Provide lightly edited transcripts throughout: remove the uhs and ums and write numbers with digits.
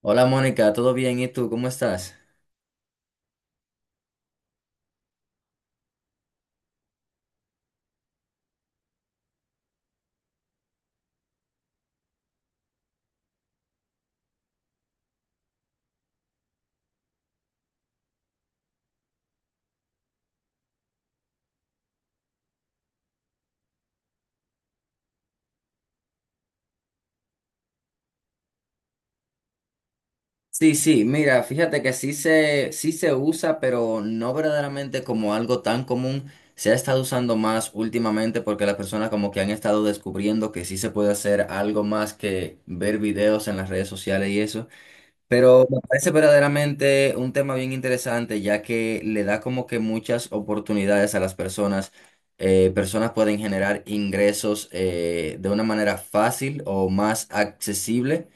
Hola Mónica, ¿todo bien? ¿Y tú? ¿Cómo estás? Sí, sí, mira, fíjate que sí se usa, pero no verdaderamente como algo tan común. Se ha estado usando más últimamente porque las personas como que han estado descubriendo que sí se puede hacer algo más que ver videos en las redes sociales y eso. Pero me parece verdaderamente un tema bien interesante, ya que le da como que muchas oportunidades a las personas. Personas pueden generar ingresos de una manera fácil o más accesible,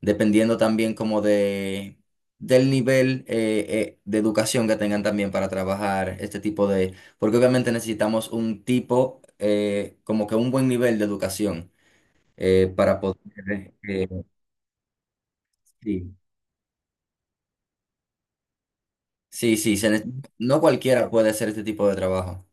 dependiendo también como del nivel de educación que tengan también para trabajar este tipo de... Porque obviamente necesitamos un tipo, como que un buen nivel de educación para poder... sí. Sí, sí, no cualquiera puede hacer este tipo de trabajo.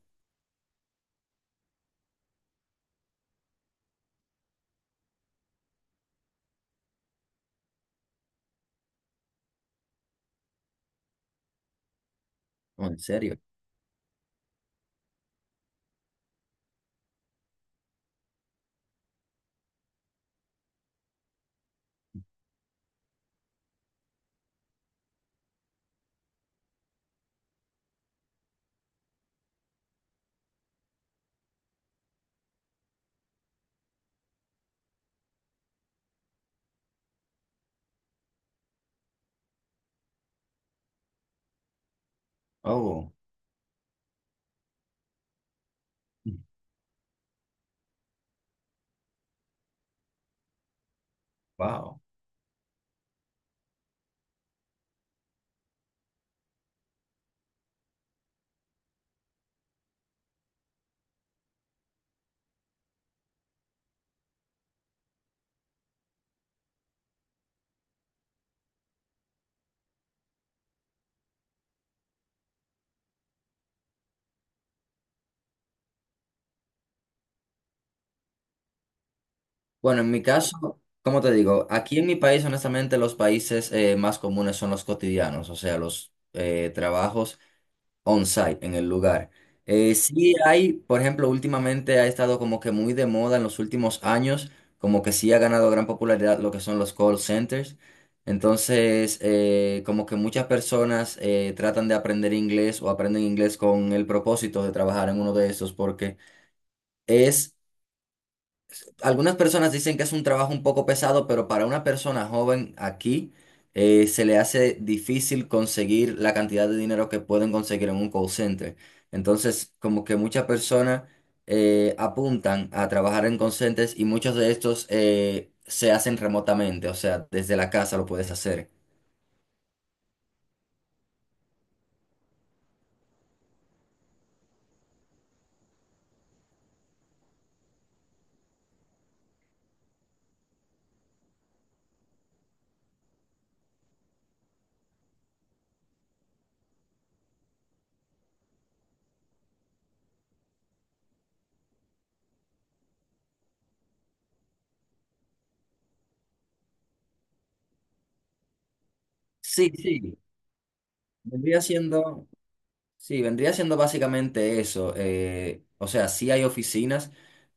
Oh, ¿en serio? Oh, wow. Bueno, en mi caso, como te digo, aquí en mi país, honestamente, los países más comunes son los cotidianos, o sea, los trabajos. On-site en el lugar. Sí hay, por ejemplo, últimamente ha estado como que muy de moda en los últimos años, como que sí ha ganado gran popularidad lo que son los call centers. Entonces, como que muchas personas tratan de aprender inglés o aprenden inglés con el propósito de trabajar en uno de esos porque es algunas personas dicen que es un trabajo un poco pesado, pero para una persona joven aquí se le hace difícil conseguir la cantidad de dinero que pueden conseguir en un call center. Entonces, como que muchas personas apuntan a trabajar en call centers y muchos de estos se hacen remotamente, o sea, desde la casa lo puedes hacer. Sí, sí. Vendría siendo. Sí, vendría siendo básicamente eso. O sea, sí hay oficinas,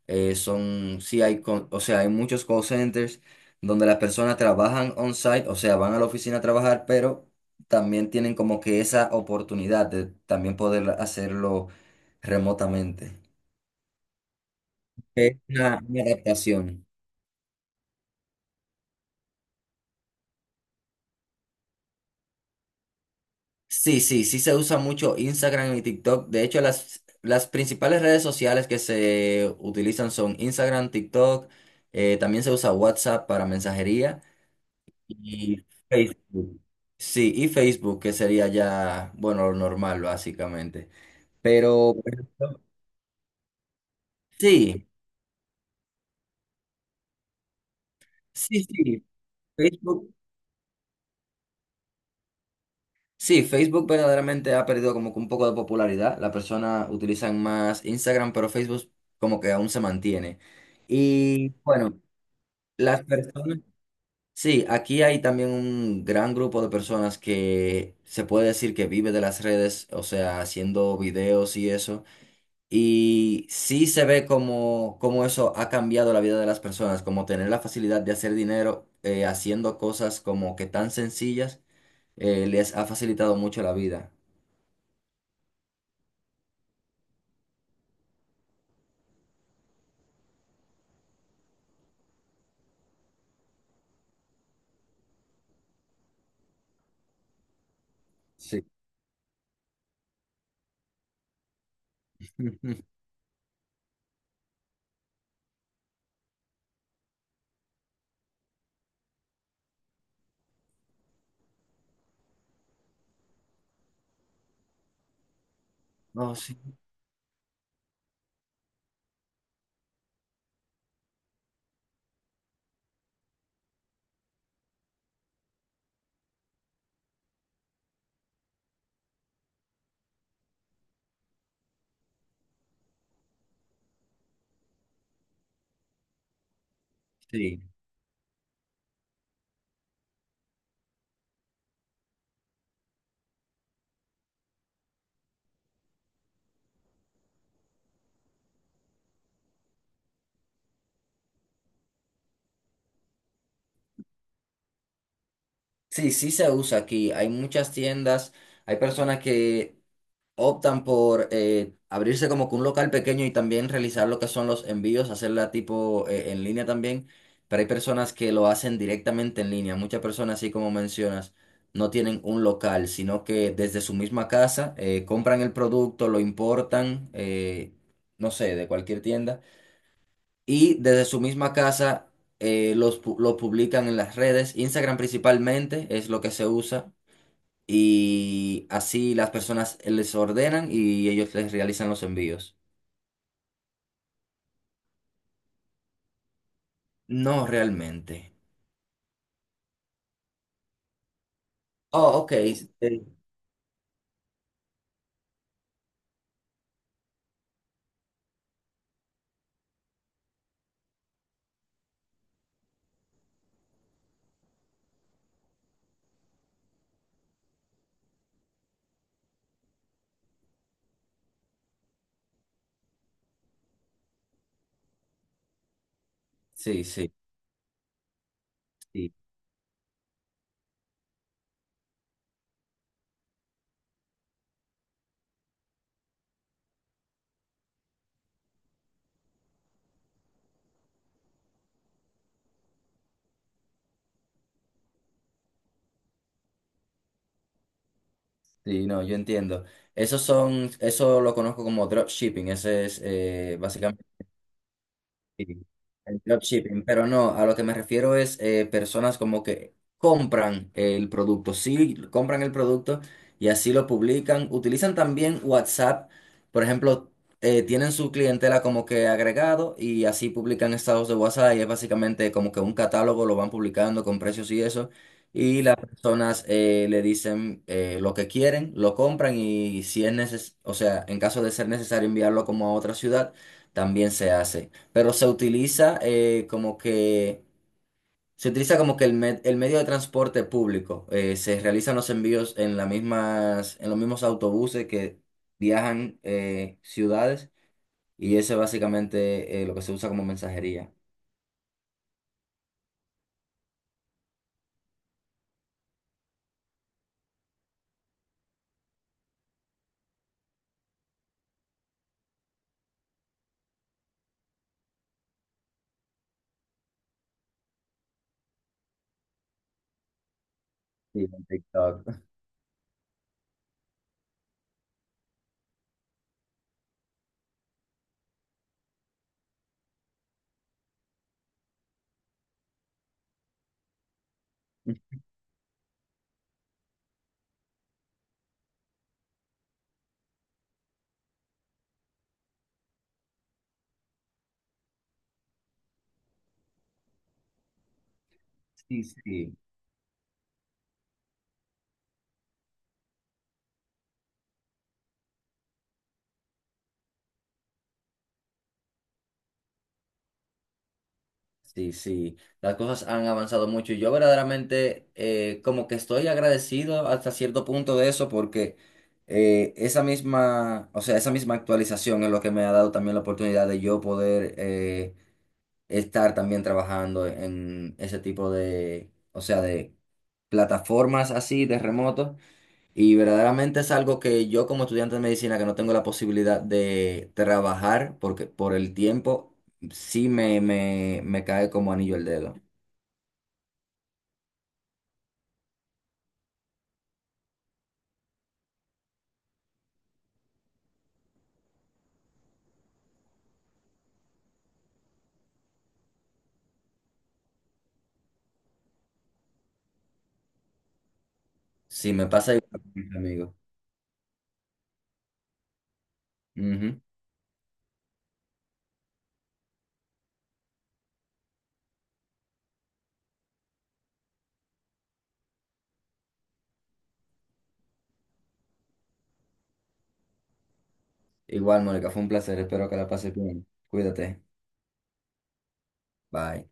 son, sí hay, o sea, hay muchos call centers donde las personas trabajan on-site, o sea, van a la oficina a trabajar, pero también tienen como que esa oportunidad de también poder hacerlo remotamente. Es una adaptación. Sí, sí, sí se usa mucho Instagram y TikTok. De hecho, las principales redes sociales que se utilizan son Instagram, TikTok, también se usa WhatsApp para mensajería y Facebook. Sí, y Facebook, que sería ya, bueno, lo normal básicamente. Pero por ejemplo, sí, sí, sí, Facebook. Sí, Facebook verdaderamente ha perdido como que un poco de popularidad. Las personas utilizan más Instagram, pero Facebook como que aún se mantiene. Y bueno. Las personas, sí, aquí hay también un gran grupo de personas que se puede decir que vive de las redes, o sea, haciendo videos y eso. Y sí se ve como, como eso ha cambiado la vida de las personas, como tener la facilidad de hacer dinero haciendo cosas como que tan sencillas les ha facilitado mucho la vida. Sí. No, sí, sí. Sí, sí se usa aquí. Hay muchas tiendas, hay personas que optan por abrirse como que un local pequeño y también realizar lo que son los envíos, hacerla tipo en línea también, pero hay personas que lo hacen directamente en línea. Muchas personas, así como mencionas, no tienen un local, sino que desde su misma casa compran el producto, lo importan, no sé, de cualquier tienda, y desde su misma casa... los, lo publican en las redes, Instagram principalmente es lo que se usa y así las personas les ordenan y ellos les realizan los envíos. No realmente. Oh, ok. Sí, sí, sí, sí, sí, no, yo entiendo. Esos son, eso lo conozco como dropshipping, ese es básicamente. Sí, el dropshipping, pero no, a lo que me refiero es personas como que compran el producto, sí, compran el producto y así lo publican. Utilizan también WhatsApp, por ejemplo, tienen su clientela como que agregado y así publican estados de WhatsApp y es básicamente como que un catálogo, lo van publicando con precios y eso. Y las personas le dicen lo que quieren, lo compran y si es necesario, o sea, en caso de ser necesario enviarlo como a otra ciudad, también se hace, pero se utiliza como que se utiliza como que el medio de transporte público. Se realizan los envíos en las mismas, en los mismos autobuses que viajan ciudades y ese es básicamente lo que se usa como mensajería. Sí, en TikTok. Sí, sí. Sí, sí, las cosas han avanzado mucho y yo verdaderamente como que estoy agradecido hasta cierto punto de eso porque esa misma, o sea, esa misma actualización es lo que me ha dado también la oportunidad de yo poder estar también trabajando en ese tipo de, o sea, de plataformas así de remoto. Y verdaderamente es algo que yo como estudiante de medicina que no tengo la posibilidad de trabajar porque por el tiempo sí me cae como anillo el dedo. Sí, me pasa igual, mis. Ujú. Igual, Mónica, fue un placer. Espero que la pases bien. Cuídate. Bye.